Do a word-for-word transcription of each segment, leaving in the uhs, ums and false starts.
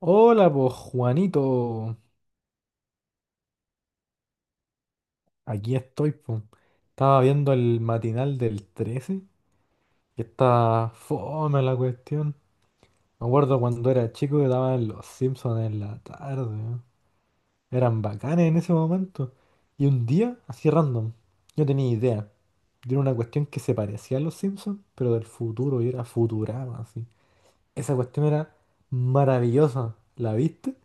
Hola, pues Juanito, aquí estoy, po. Estaba viendo el matinal del trece, que está fome la cuestión. Me acuerdo cuando era chico que daban los Simpsons en la tarde, ¿no? Eran bacanes en ese momento. Y un día, así random, yo tenía idea de una cuestión que se parecía a los Simpsons, pero del futuro, y era Futurama, así. Esa cuestión era maravillosa, ¿la viste?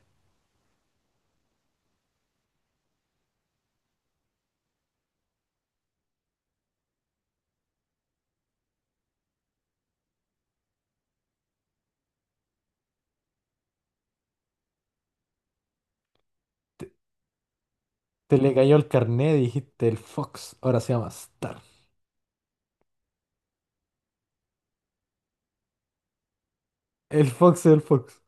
Te, te le cayó el carnet y dijiste, el Fox ahora se llama Star. El Fox, el Fox.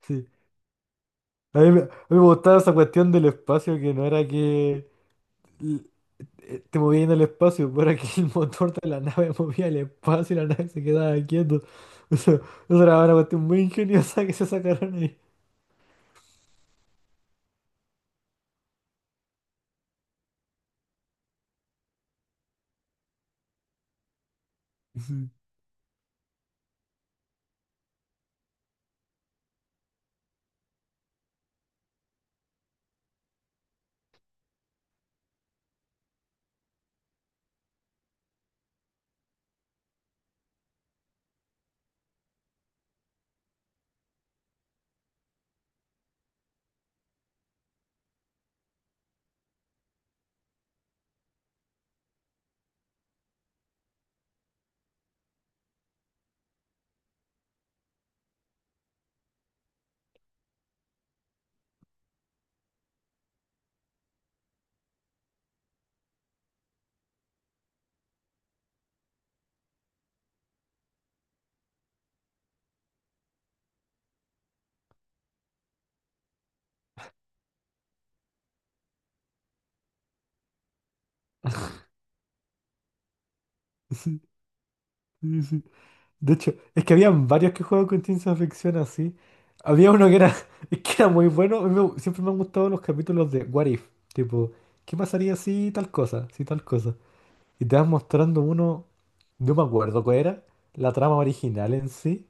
Sí. A mí, me, a mí me gustaba esa cuestión del espacio, que no era que l- eh, te movías en el espacio, pero era que el motor de la nave movía el espacio y la nave se quedaba quieto. O sea, eso era una cuestión muy ingeniosa que se sacaron ahí. Sí, sí, sí, sí. De hecho, es que habían varios que jugaban con ciencia ficción así. Había uno que era, es que era muy bueno. A mí me- siempre me han gustado los capítulos de What If. Tipo, ¿qué pasaría si tal cosa? Si tal cosa. Y te vas mostrando uno, no me acuerdo cuál era, la trama original en sí.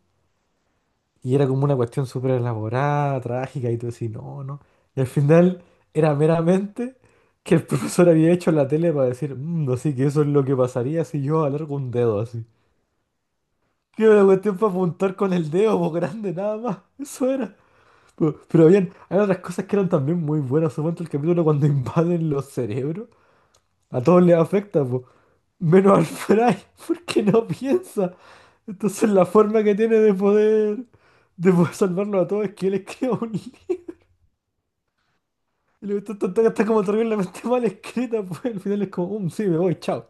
Y era como una cuestión súper elaborada, trágica, y tú decís, no, no. Y al final era meramente que el profesor había hecho la tele para decir, "Mm, así que eso es lo que pasaría si yo alargo un dedo así. Que era una cuestión para apuntar con el dedo, pues grande, nada más. Eso era. Pero, pero bien, hay otras cosas que eran también muy buenas. Supongo el capítulo cuando invaden los cerebros. A todos les afecta, pues. Menos al Fry, porque no piensa. Entonces la forma que tiene de poder, de poder salvarlo a todos es que él escriba un libro. Y la cuestión está, está como terriblemente mal escrita, pues al final es como, um, sí, me voy, chao.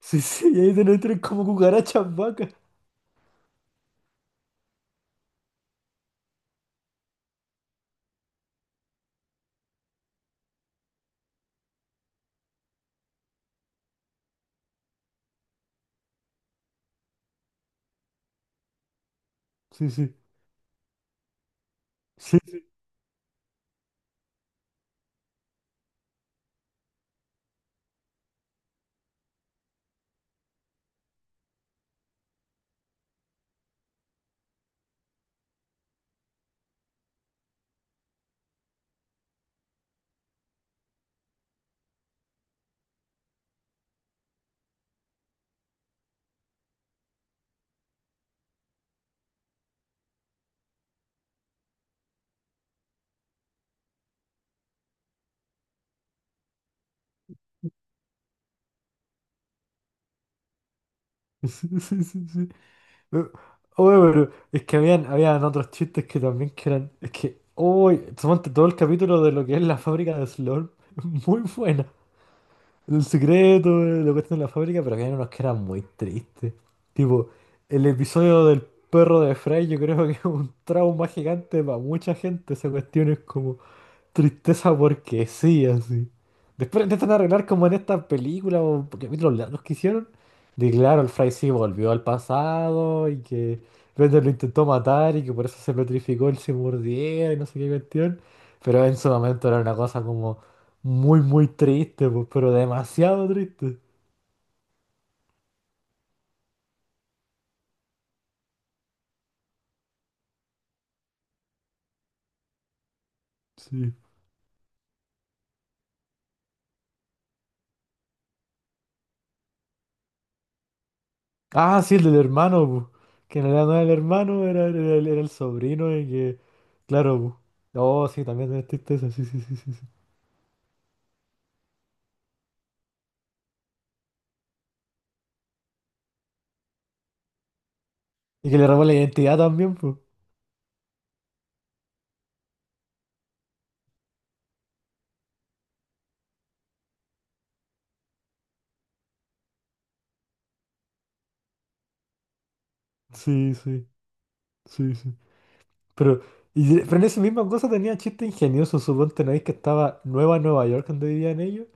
Sí, sí, y ahí tenés tres como cucarachas vacas. Sí, sí, sí, sí, sí, sí, sí, sí. Eh, Oye, pero es que habían, habían otros chistes que también que eran, es que, uy, suponte todo el capítulo de lo que es la fábrica de Slurm, muy buena. El secreto, eh, lo cuestión en la fábrica, pero había unos que eran muy tristes. Tipo, el episodio del perro de Fry, yo creo que es un trauma gigante para mucha gente. Esa cuestión es como, tristeza porque sí, así. Después intentan arreglar como en esta película o capítulos largos que hicieron. De claro, el Fry sí volvió al pasado y que Bender lo intentó matar y que por eso se petrificó, él se mordía y no sé qué cuestión. Pero en su momento era una cosa como muy, muy triste, pues, pero demasiado triste. Sí. Ah, sí, el del hermano, pues, que en realidad no era el hermano, era, era, el era el sobrino y que, claro, pues. Oh, sí, también es tristeza, sí, sí, sí, sí, sí. Y que le robó la identidad también, pues. Sí, sí, sí, sí. Pero, y- pero en esa misma cosa tenía chiste ingenioso. Suponte, ¿no veis que estaba Nueva Nueva York donde vivían ellos?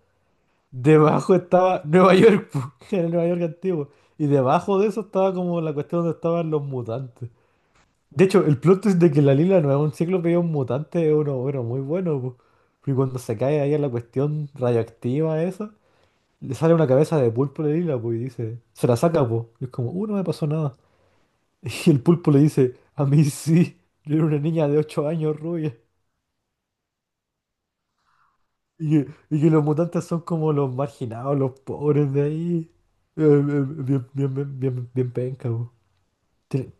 Debajo estaba Nueva York, pues, que era Nueva York antiguo. Y debajo de eso estaba como la cuestión donde estaban los mutantes. De hecho, el plot twist de que la Lila no es un cíclope y es un mutante es uno, bueno, muy bueno, pues. Y cuando se cae ahí a la cuestión radioactiva esa, le sale una cabeza de pulpo a la Lila, pues, y dice, se la saca, pues. Y es como, uh, no me pasó nada. Y el pulpo le dice, a mí sí, yo era una niña de ocho años rubia. Y que, y que los mutantes son como los marginados, los pobres de ahí. Eh, eh, Bien, bien, bien, bien, bien penca, po. Tiene-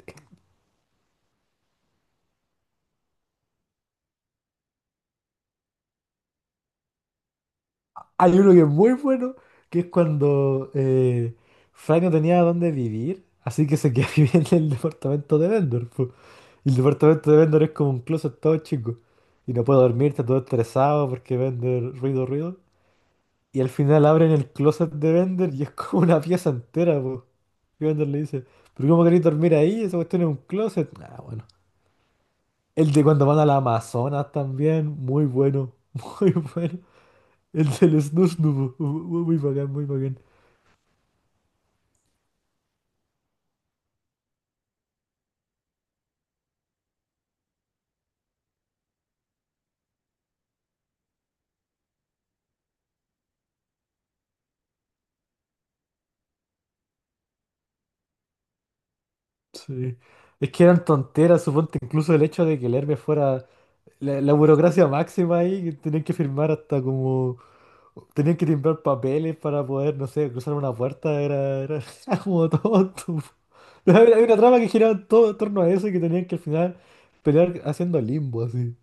Hay uno que es muy bueno, que es cuando eh, Fry no tenía dónde vivir, así que se quedó viviendo en el departamento de Vendor, po. Y el departamento de Vendor es como un closet todo chico. Y no puede dormir, está todo estresado porque Vendor ruido, ruido. Y al final abren el closet de Bender y es como una pieza entera, po. Y Bender le dice, ¿pero cómo queréis dormir ahí? Esa cuestión es un closet. Ah, bueno. El de cuando van a la Amazonas también, muy bueno, muy bueno. El del Snus, muy bacán, muy bacán. Sí. Es que eran tonteras, suponte, incluso el hecho de que el Hermes fuera la, la burocracia máxima ahí, que tenían que firmar hasta como tenían que timbrar papeles para poder, no sé, cruzar una puerta, era, era era como tonto. Hay hay una trama que giraba todo en torno a eso y que tenían que al final pelear haciendo limbo, así.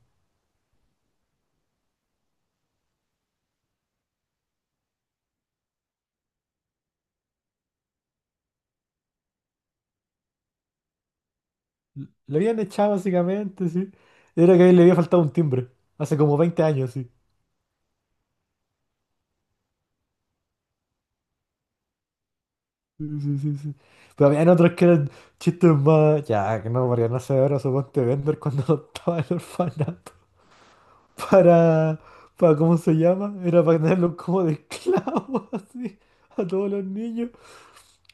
Lo habían echado básicamente, sí. Era que a él le había faltado un timbre, hace como veinte años, sí. Sí, sí, sí, sí. Pero habían otros que eran chistes más, ya, que no, Mariana Severo, suponte vender cuando estaba en el orfanato. para, para, ¿cómo se llama? Era para tenerlos como de esclavos, así, a todos los niños.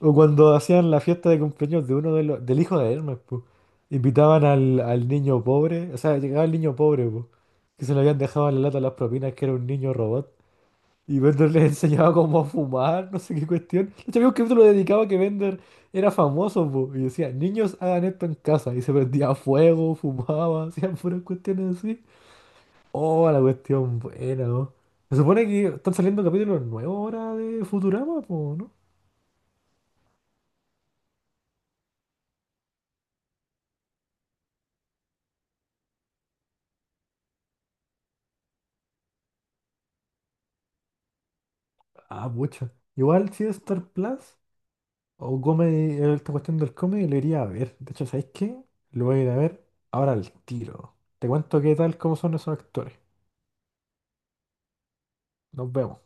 O cuando hacían la fiesta de cumpleaños de uno de los, del hijo de Hermes, pues. Invitaban al, al niño pobre, o sea, llegaba el niño pobre, pues, que se le habían dejado en la lata las propinas, que era un niño robot. Y Bender les enseñaba cómo a fumar, no sé qué cuestión. De hecho, había un capítulo dedicado a que Bender era famoso, pues, y decía, niños hagan esto en casa. Y se prendía fuego, fumaba, hacían puras cuestiones así. Oh, la cuestión buena, ¿no? Se supone que están saliendo capítulos nuevos ahora de Futurama, po, ¿no? Ah, pucha. Igual si es Star Plus o Comedy, esta cuestión del comedy lo iría a ver. De hecho, ¿sabéis qué? Lo voy a ir a ver ahora al tiro. Te cuento qué tal, cómo son esos actores. Nos vemos.